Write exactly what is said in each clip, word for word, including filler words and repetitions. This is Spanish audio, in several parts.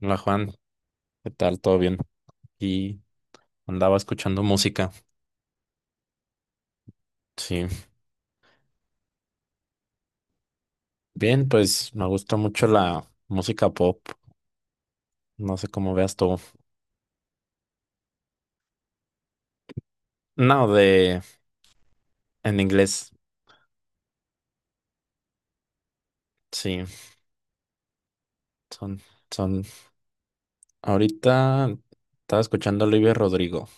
Hola Juan, ¿qué tal? ¿Todo bien? Y andaba escuchando música. Sí. Bien, pues me gusta mucho la música pop. No sé cómo veas tú. No, de en inglés. Sí, son, son. Ahorita estaba escuchando a Olivia Rodrigo.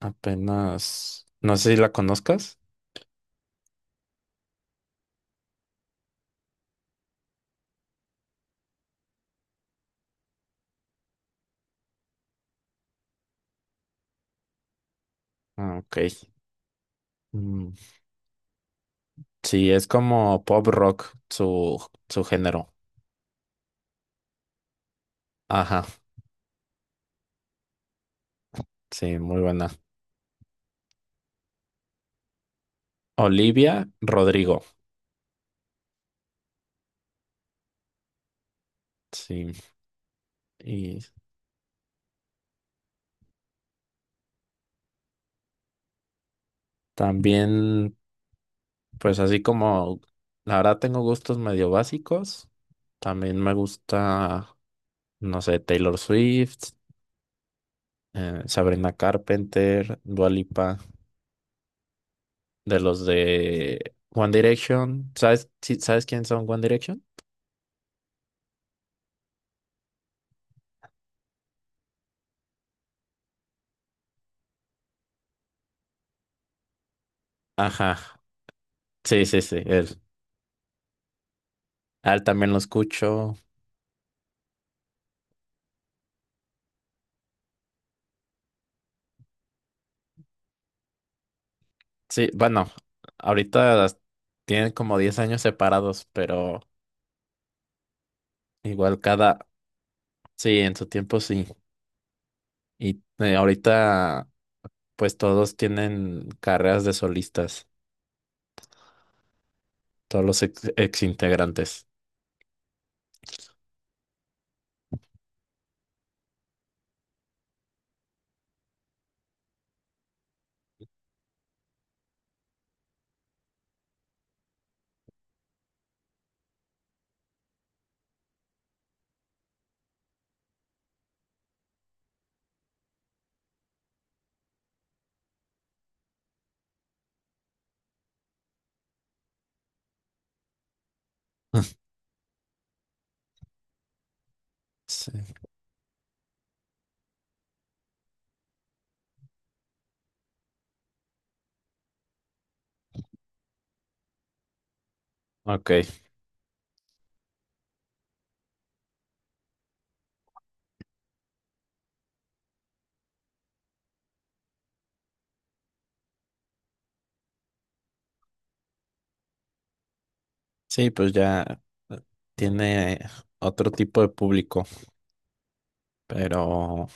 Apenas. No sé si la conozcas. Ah, ok. Mm, sí, es como pop rock, su, su género. Ajá. Sí, muy buena. Olivia Rodrigo. Sí. Y también, pues así como la verdad tengo gustos medio básicos, también me gusta, no sé, Taylor Swift, eh, Sabrina Carpenter, Dua Lipa, de los de One Direction. ¿Sabes, sí- sabes quién son One Direction? Ajá, sí, sí, sí, él. A él también lo escucho. Sí, bueno, ahorita las- tienen como diez años separados, pero igual cada, sí, en su tiempo sí. Y eh, ahorita pues todos tienen carreras de solistas, todos los ex, integrantes. Sí. Ok, sí, pues ya eh, tiene otro tipo de público, pero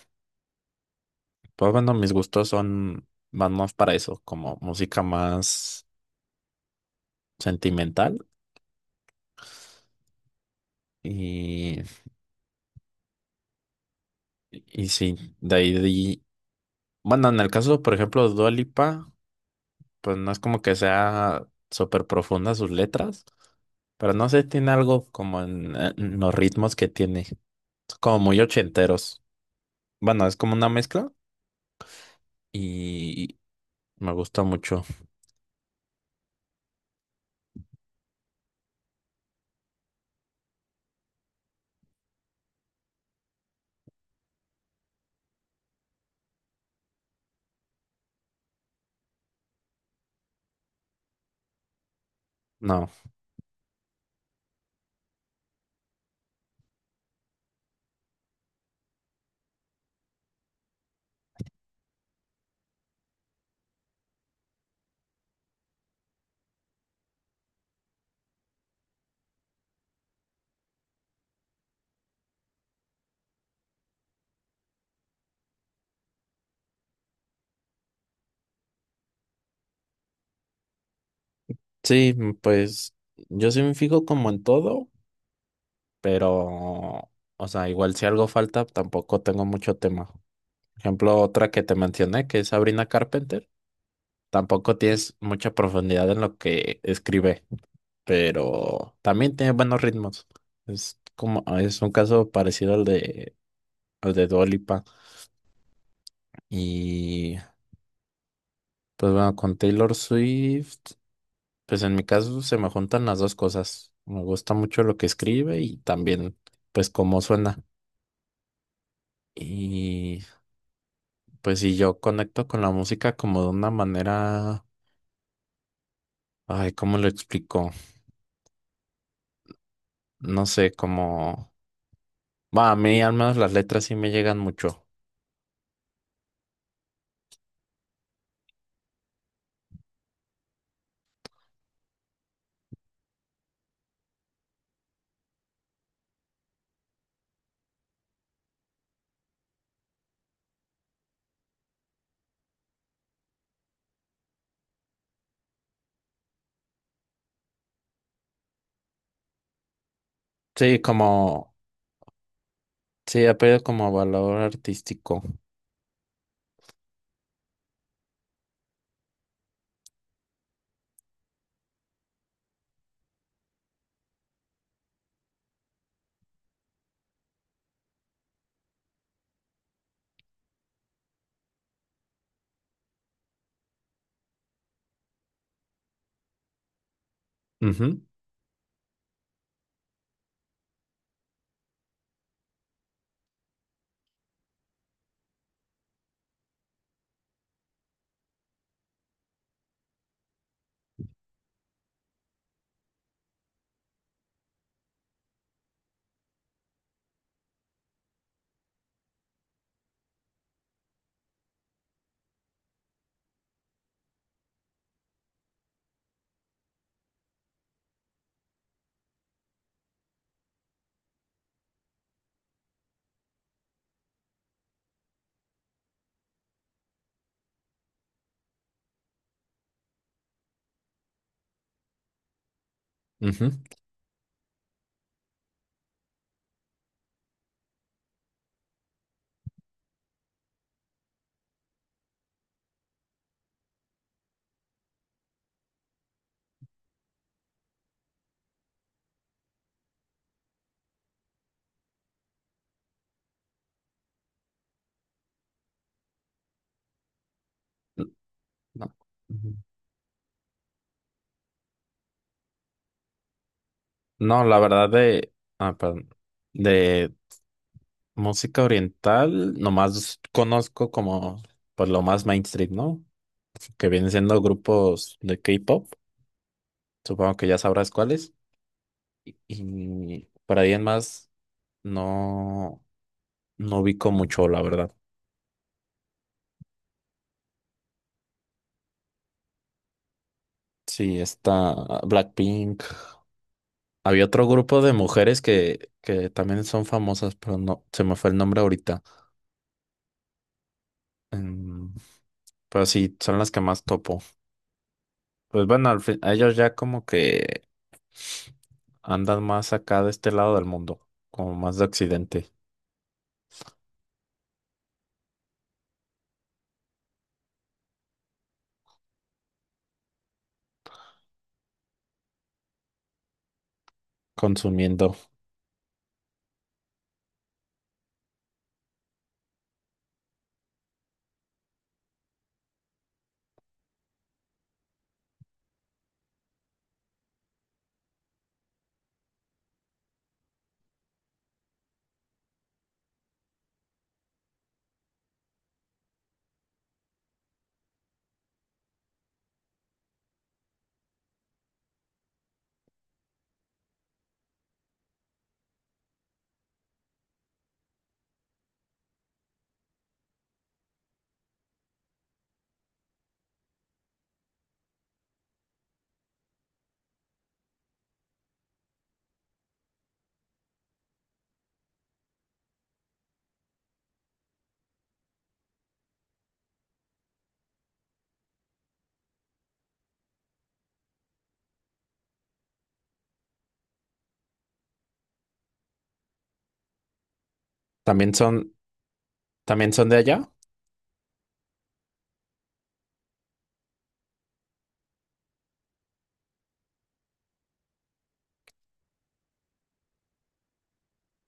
pues bueno, mis gustos son van más para eso, como música más sentimental y, y sí, de ahí, de ahí- bueno, en el caso, por ejemplo, de Dua Lipa, pues no es como que sea súper profunda sus letras, pero no sé, tiene algo como en, eh, en los ritmos que tiene, como muy ochenteros. Bueno, es como una mezcla y me gusta mucho. No, sí, pues yo sí me fijo como en todo, pero, o sea, igual si algo falta, tampoco tengo mucho tema. Por ejemplo, otra que te mencioné, que es Sabrina Carpenter, tampoco tienes mucha profundidad en lo que escribe, pero también tiene buenos ritmos. Es como, ah, es un caso parecido al de, al de Dua Lipa. Y pues bueno, con Taylor Swift, pues en mi caso se me juntan las dos cosas. Me gusta mucho lo que escribe y también pues cómo suena. Y pues si yo conecto con la música como de una manera, ay, ¿cómo lo explico? No sé, como, va, a mí al menos las letras sí me llegan mucho. Sí, como sí, ha perdido como valor artístico. Ujú, ujú. No, ujú. No, la verdad de, ah, perdón, de música oriental, nomás conozco como pues lo más mainstream, ¿no? Que vienen siendo grupos de K-pop, supongo que ya sabrás cuáles. Y por ahí en más no, no ubico mucho, la verdad. Sí, está Blackpink. Había otro grupo de mujeres que, que también son famosas, pero no, se me fue el nombre ahorita. Em, pero sí, son las que más topo. Pues bueno, al fin, ellos ya como que andan más acá de este lado del mundo, como más de occidente, consumiendo. También son, también son de allá.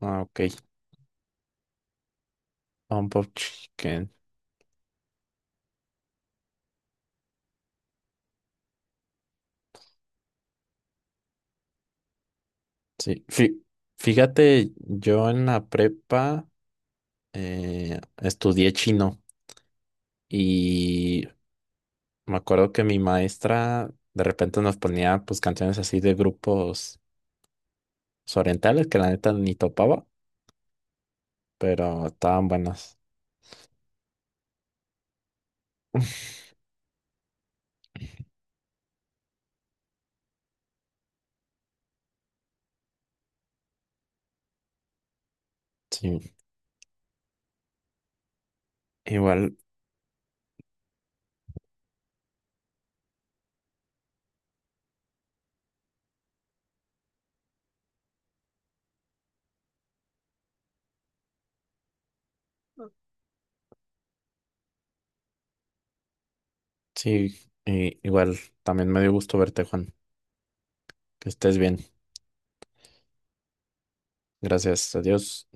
Ah, ok. Un pop chicken. Sí. Fí- Fíjate, yo en la prepa eh, estudié chino y me acuerdo que mi maestra de repente nos ponía pues canciones así de grupos pues, orientales que la neta ni topaba, pero estaban buenas. Sí, igual, sí, y- igual, también me dio gusto verte, Juan. Que estés bien. Gracias, adiós.